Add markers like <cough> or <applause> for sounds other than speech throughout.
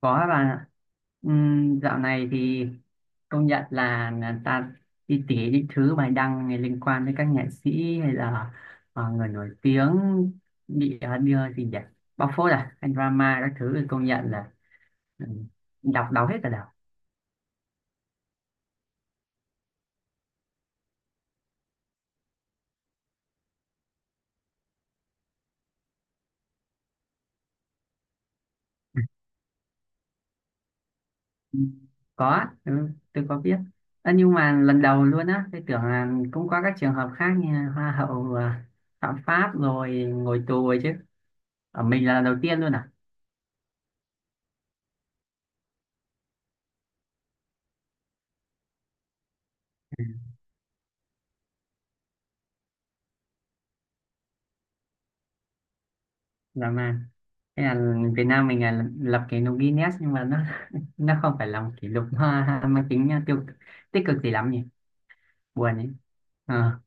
Có các bạn ạ. Dạo này thì công nhận là ta đi tỉ những thứ bài đăng này liên quan đến các nghệ sĩ hay là người nổi tiếng bị đưa gì nhỉ, bóc phốt à hay drama các thứ thì công nhận là ừm, đọc đau hết cả đầu. Ừm, <laughs> có á, ừ, tôi có biết. Ơ, nhưng mà lần đầu luôn á, tôi tưởng là cũng có các trường hợp khác như hoa hậu phạm pháp rồi ngồi tù rồi chứ. Ở mình là lần đầu tiên luôn à? Dạ, mà thế là Việt Nam mình là lập kỷ lục Guinness, nhưng mà nó <laughs> nó không phải là một kỷ lục ha, mang tính tiêu tích cực gì lắm nhỉ, buồn ấy. Ờ,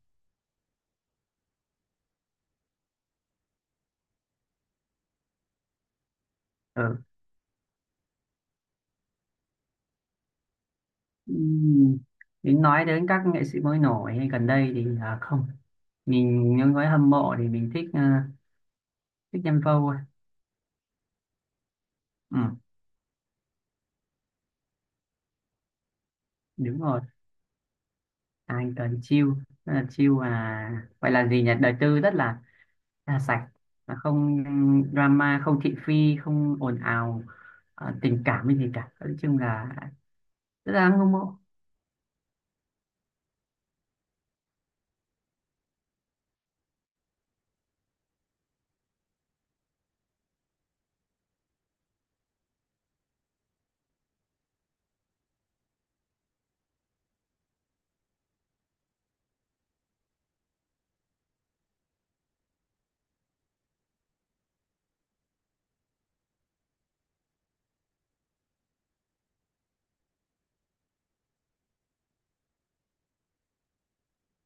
ừ. Ừm, Đến nói đến các nghệ sĩ mới nổi hay gần đây thì không, mình những với hâm mộ thì mình thích thích Nhân Vô thôi. Ừ, đúng rồi, anh cần chill. Rất là chill, à gọi là gì nhỉ, đời tư rất là sạch, là không drama, không thị phi, không ồn ào, tình cảm hay gì cả. Nói chung là thực ra ngưỡng mộ.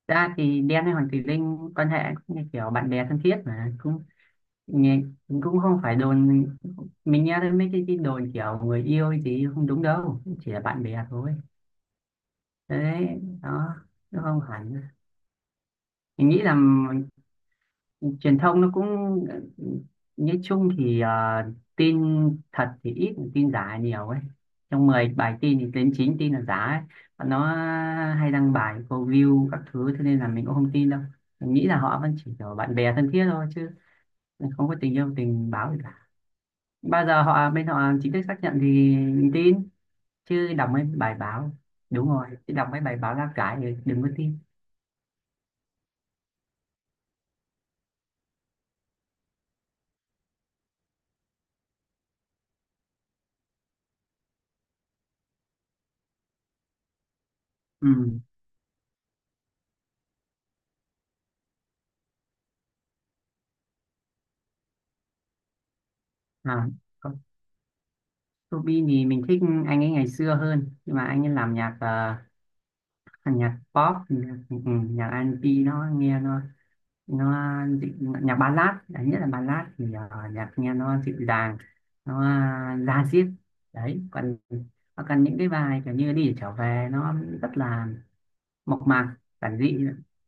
Thật ra thì Đen hay Hoàng Thùy Linh quan hệ cũng như kiểu bạn bè thân thiết, mà cũng nghe- cũng không phải đồn. Mình nghe thấy mấy cái đồn kiểu người yêu thì không đúng đâu, chỉ là bạn bè thôi. Đấy, đó, nó không hẳn. Mình nghĩ là truyền thông nó cũng ờ, nói chung thì tin thật thì ít, tin giả nhiều ấy. Trong 10 bài tin thì đến 9 tin là giả ấy. Và nó hay đăng bài câu view các thứ, thế nên là mình cũng không tin đâu. Mình nghĩ là họ vẫn chỉ kiểu bạn bè thân thiết thôi, chứ không có tình yêu tình báo gì cả. Bao giờ họ bên họ chính thức xác nhận thì mình tin, chứ đọc mấy bài báo, đúng rồi, chứ đọc mấy bài báo lá cải thì đừng có tin. Ừ, à, Ruby thì mình thích anh ấy ngày xưa hơn, nhưng mà anh ấy làm nhạc nhạc pop, nhạc, ừ, nhạc R&B nó nghe nó nhạc ballad đấy, nhất là ballad thì nhạc nghe nó dịu dàng, nó da diết. Đấy còn còn những cái bài kiểu như đi để trở về, nó rất là mộc mạc, giản dị,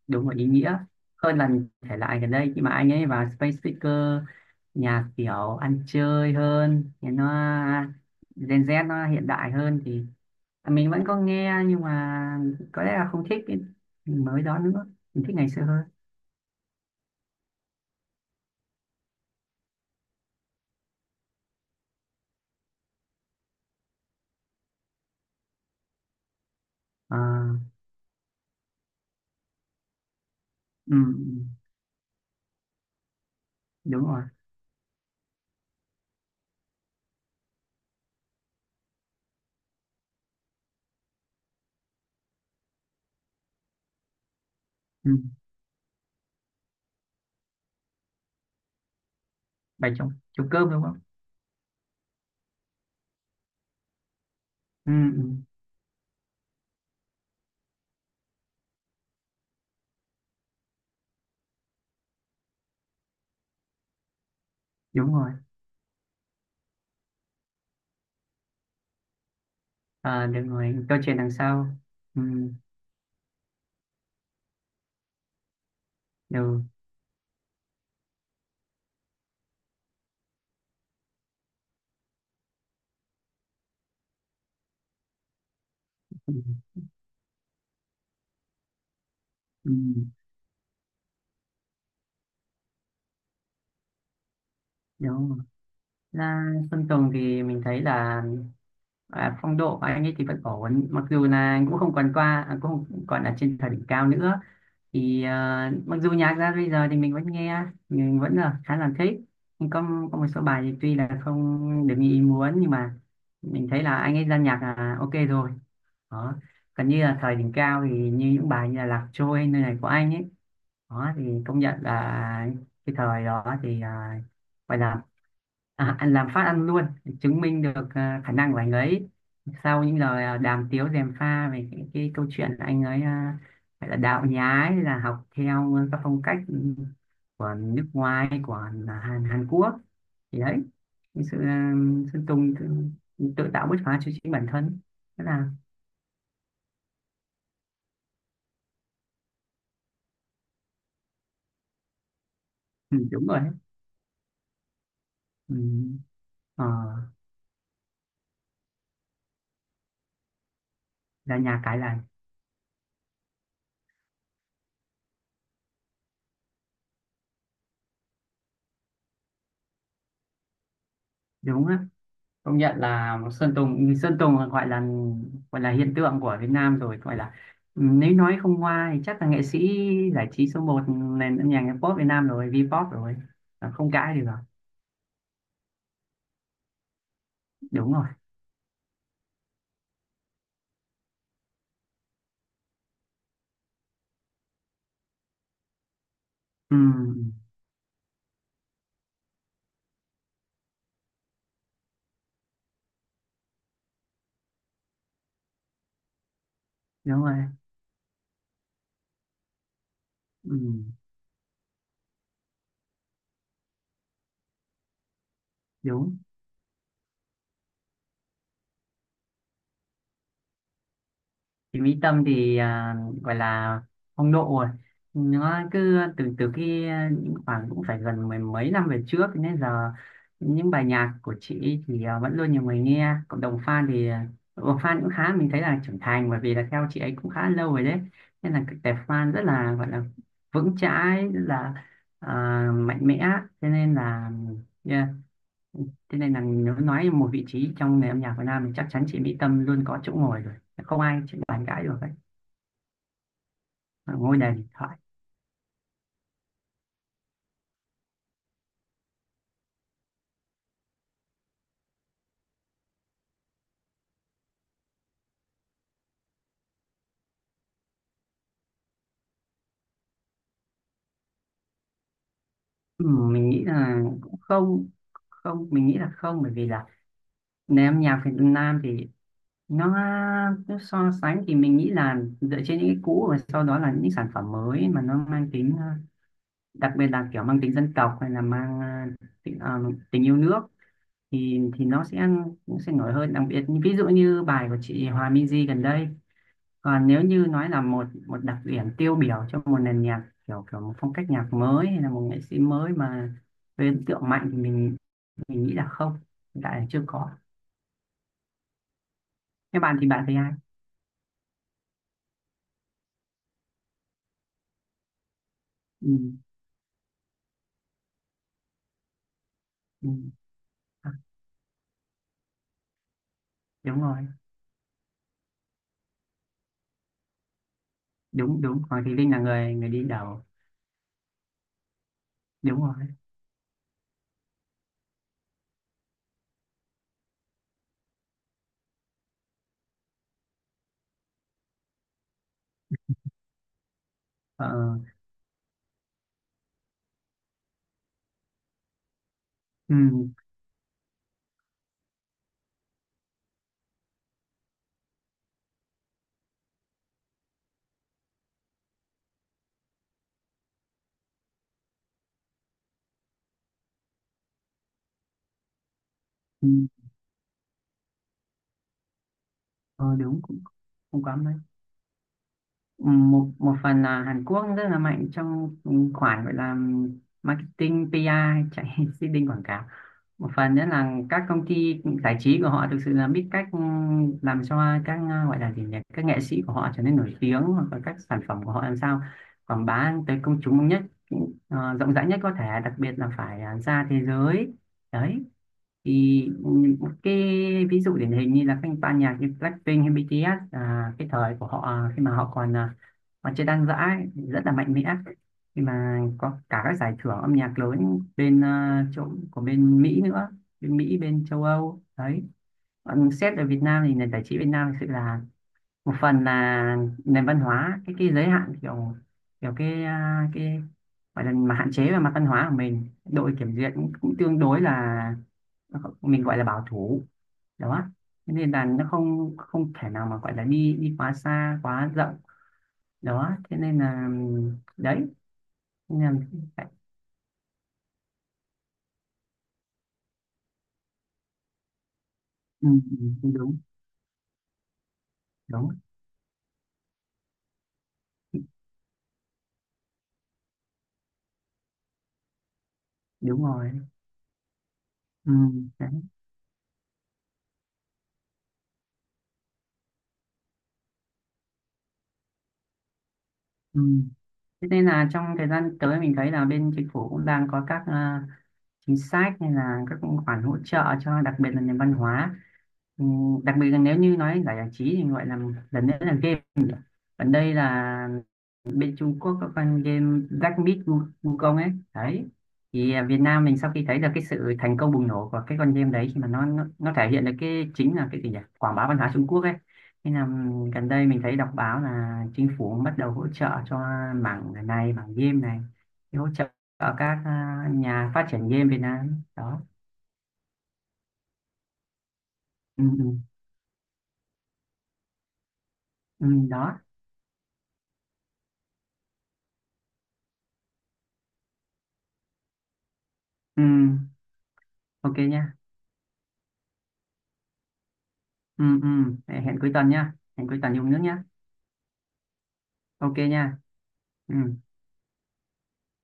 đúng và ý nghĩa hơn là những thể loại gần đây khi mà anh ấy vào space speaker, nhạc kiểu ăn chơi hơn thì nó, gen Z nó hiện đại hơn, thì mình vẫn có nghe, nhưng mà có lẽ là không thích cái mới đó nữa. Mình thích ngày xưa hơn. À, ừ, ừ, đúng rồi. Ừ. Bài trống trống cơm đúng không? Ừ, ừ, đúng rồi. À, được rồi, câu chuyện đằng sau. Ừ, được. Ừ, ừ, đúng rồi. Là Sơn Tùng thì mình thấy là phong độ của anh ấy thì vẫn ổn, mặc dù là anh cũng không còn qua cũng không còn ở trên thời đỉnh cao nữa. Thì mặc dù nhạc ra bây giờ thì mình vẫn nghe, mình vẫn là khá là thích, nhưng có một số bài thì tuy là không được như ý muốn, nhưng mà mình thấy là anh ấy ra nhạc là ok rồi. Đó, còn như là thời đỉnh cao thì như những bài như là Lạc Trôi, nơi này của anh ấy. Đó thì công nhận là cái thời đó thì gọi là anh làm phát ăn luôn, chứng minh được khả năng của anh ấy sau những lời đàm tiếu dèm pha về cái câu chuyện anh ấy phải là đạo nhái, là học theo các phong cách của nước ngoài, của Hàn Quốc. Thì đấy, cái sự Sơn Tùng tự tạo bứt phá cho chính bản thân, tức là, ừ, đúng rồi đấy. Ừ. Ờ, ra nhà cái lành. Đúng á, công nhận là Sơn Tùng, Sơn Tùng gọi là hiện tượng của Việt Nam rồi, gọi là, ừ, nếu nói không hoa thì chắc là nghệ sĩ giải trí số một nền âm nhạc pop Việt Nam rồi, V-pop rồi. Là không cãi được rồi. Đúng rồi. Ừ, đúng rồi. Ừ, đúng. Thì Mỹ Tâm thì gọi là phong độ rồi, nó cứ từ từ khi khoảng cũng phải gần mười mấy năm về trước, nên giờ những bài nhạc của chị ấy thì vẫn luôn nhiều người nghe. Cộng đồng fan thì à, cộng đồng fan cũng khá, mình thấy là trưởng thành, bởi vì là theo chị ấy cũng khá lâu rồi đấy. Nên là cái tệp fan rất là gọi là vững chãi, rất là à, mạnh mẽ, cho nên là, yeah. Thế nên là nếu nói một vị trí trong nền âm nhạc Việt Nam thì chắc chắn chị Mỹ Tâm luôn có chỗ ngồi rồi. Không ai chị bàn cãi được ấy. Là Ngôi đền điện thoại. Ừ, mình nghĩ là cũng không, mình nghĩ là không, bởi vì là nền âm nhạc Việt Nam thì nó, nó so sánh thì mình nghĩ là dựa trên những cái cũ và sau đó là những sản phẩm mới mà nó mang tính đặc biệt là kiểu mang tính dân tộc, hay là mang tính, tình yêu nước thì nó sẽ nổi hơn, đặc biệt ví dụ như bài của chị Hòa Minzy gần đây. Còn nếu như nói là một một đặc điểm tiêu biểu cho một nền nhạc kiểu, kiểu một phong cách nhạc mới hay là một nghệ sĩ mới mà gây ấn tượng mạnh thì mình nghĩ là không, hiện tại là chưa có. Các bạn thì bạn thấy ai? Ừ, ừ. À, đúng rồi, đúng đúng, Hoàng Thùy Linh là người người đi đầu. Đúng rồi. Ờ, ừ, ừ, ờ, đúng, cũng không quá mấy. Một Một phần là Hàn Quốc rất là mạnh trong khoản gọi là marketing PR, chạy <laughs> seeding quảng cáo. Một phần nữa là các công ty giải trí của họ thực sự là biết cách làm cho các gọi là gì nhỉ, các nghệ sĩ của họ trở nên nổi tiếng, hoặc là các sản phẩm của họ làm sao quảng bá tới công chúng nhất, rộng rãi nhất có thể, đặc biệt là phải ra thế giới. Đấy thì một cái ví dụ điển hình như là các ban nhạc như Blackpink hay BTS, à, cái thời của họ khi mà họ còn còn chơi Đan Giã ấy, thì rất là mạnh mẽ khi mà có cả các giải thưởng âm nhạc lớn bên chỗ của bên Mỹ nữa, bên Mỹ, bên châu Âu đấy. Còn xét ở Việt Nam thì nền giải trí Việt Nam thực sự là một phần là nền văn hóa, cái giới hạn kiểu, kiểu cái cái gọi là mà hạn chế về mặt văn hóa của mình, đội kiểm duyệt cũng tương đối là mình gọi là bảo thủ. Đó, thế nên là nó không không thể nào mà gọi là đi đi quá xa, quá rộng. Đó, thế nên là, đấy, thế nên là phải- ừ, ừ, đúng đúng đúng rồi. Ừ, đấy. Ừ. Thế nên là trong thời gian tới mình thấy là bên chính phủ cũng đang có các chính sách, hay là các khoản hỗ trợ cho đặc biệt là nền văn hóa. Ừ, đặc biệt là nếu như nói giải giải trí thì gọi là lần nữa là game nhỉ? Còn đây là bên Trung Quốc có con game Black Myth Wukong ấy đấy. Thì à, Việt Nam mình sau khi thấy được cái sự thành công bùng nổ của cái con game đấy, khi mà nó thể hiện được cái chính là cái gì nhỉ, quảng bá văn hóa Trung Quốc ấy. Nên là gần đây mình thấy đọc báo là chính phủ bắt đầu hỗ trợ cho mảng này, mảng game này. Thì hỗ trợ ở các nhà phát triển game Việt Nam đó. Ừ, ừ, ừ, đó, ừ, ok nha. Ừ, ừ. Hẹn cuối tuần nha, hẹn cuối tuần dùng nước nhá. Ok nha. Ừ.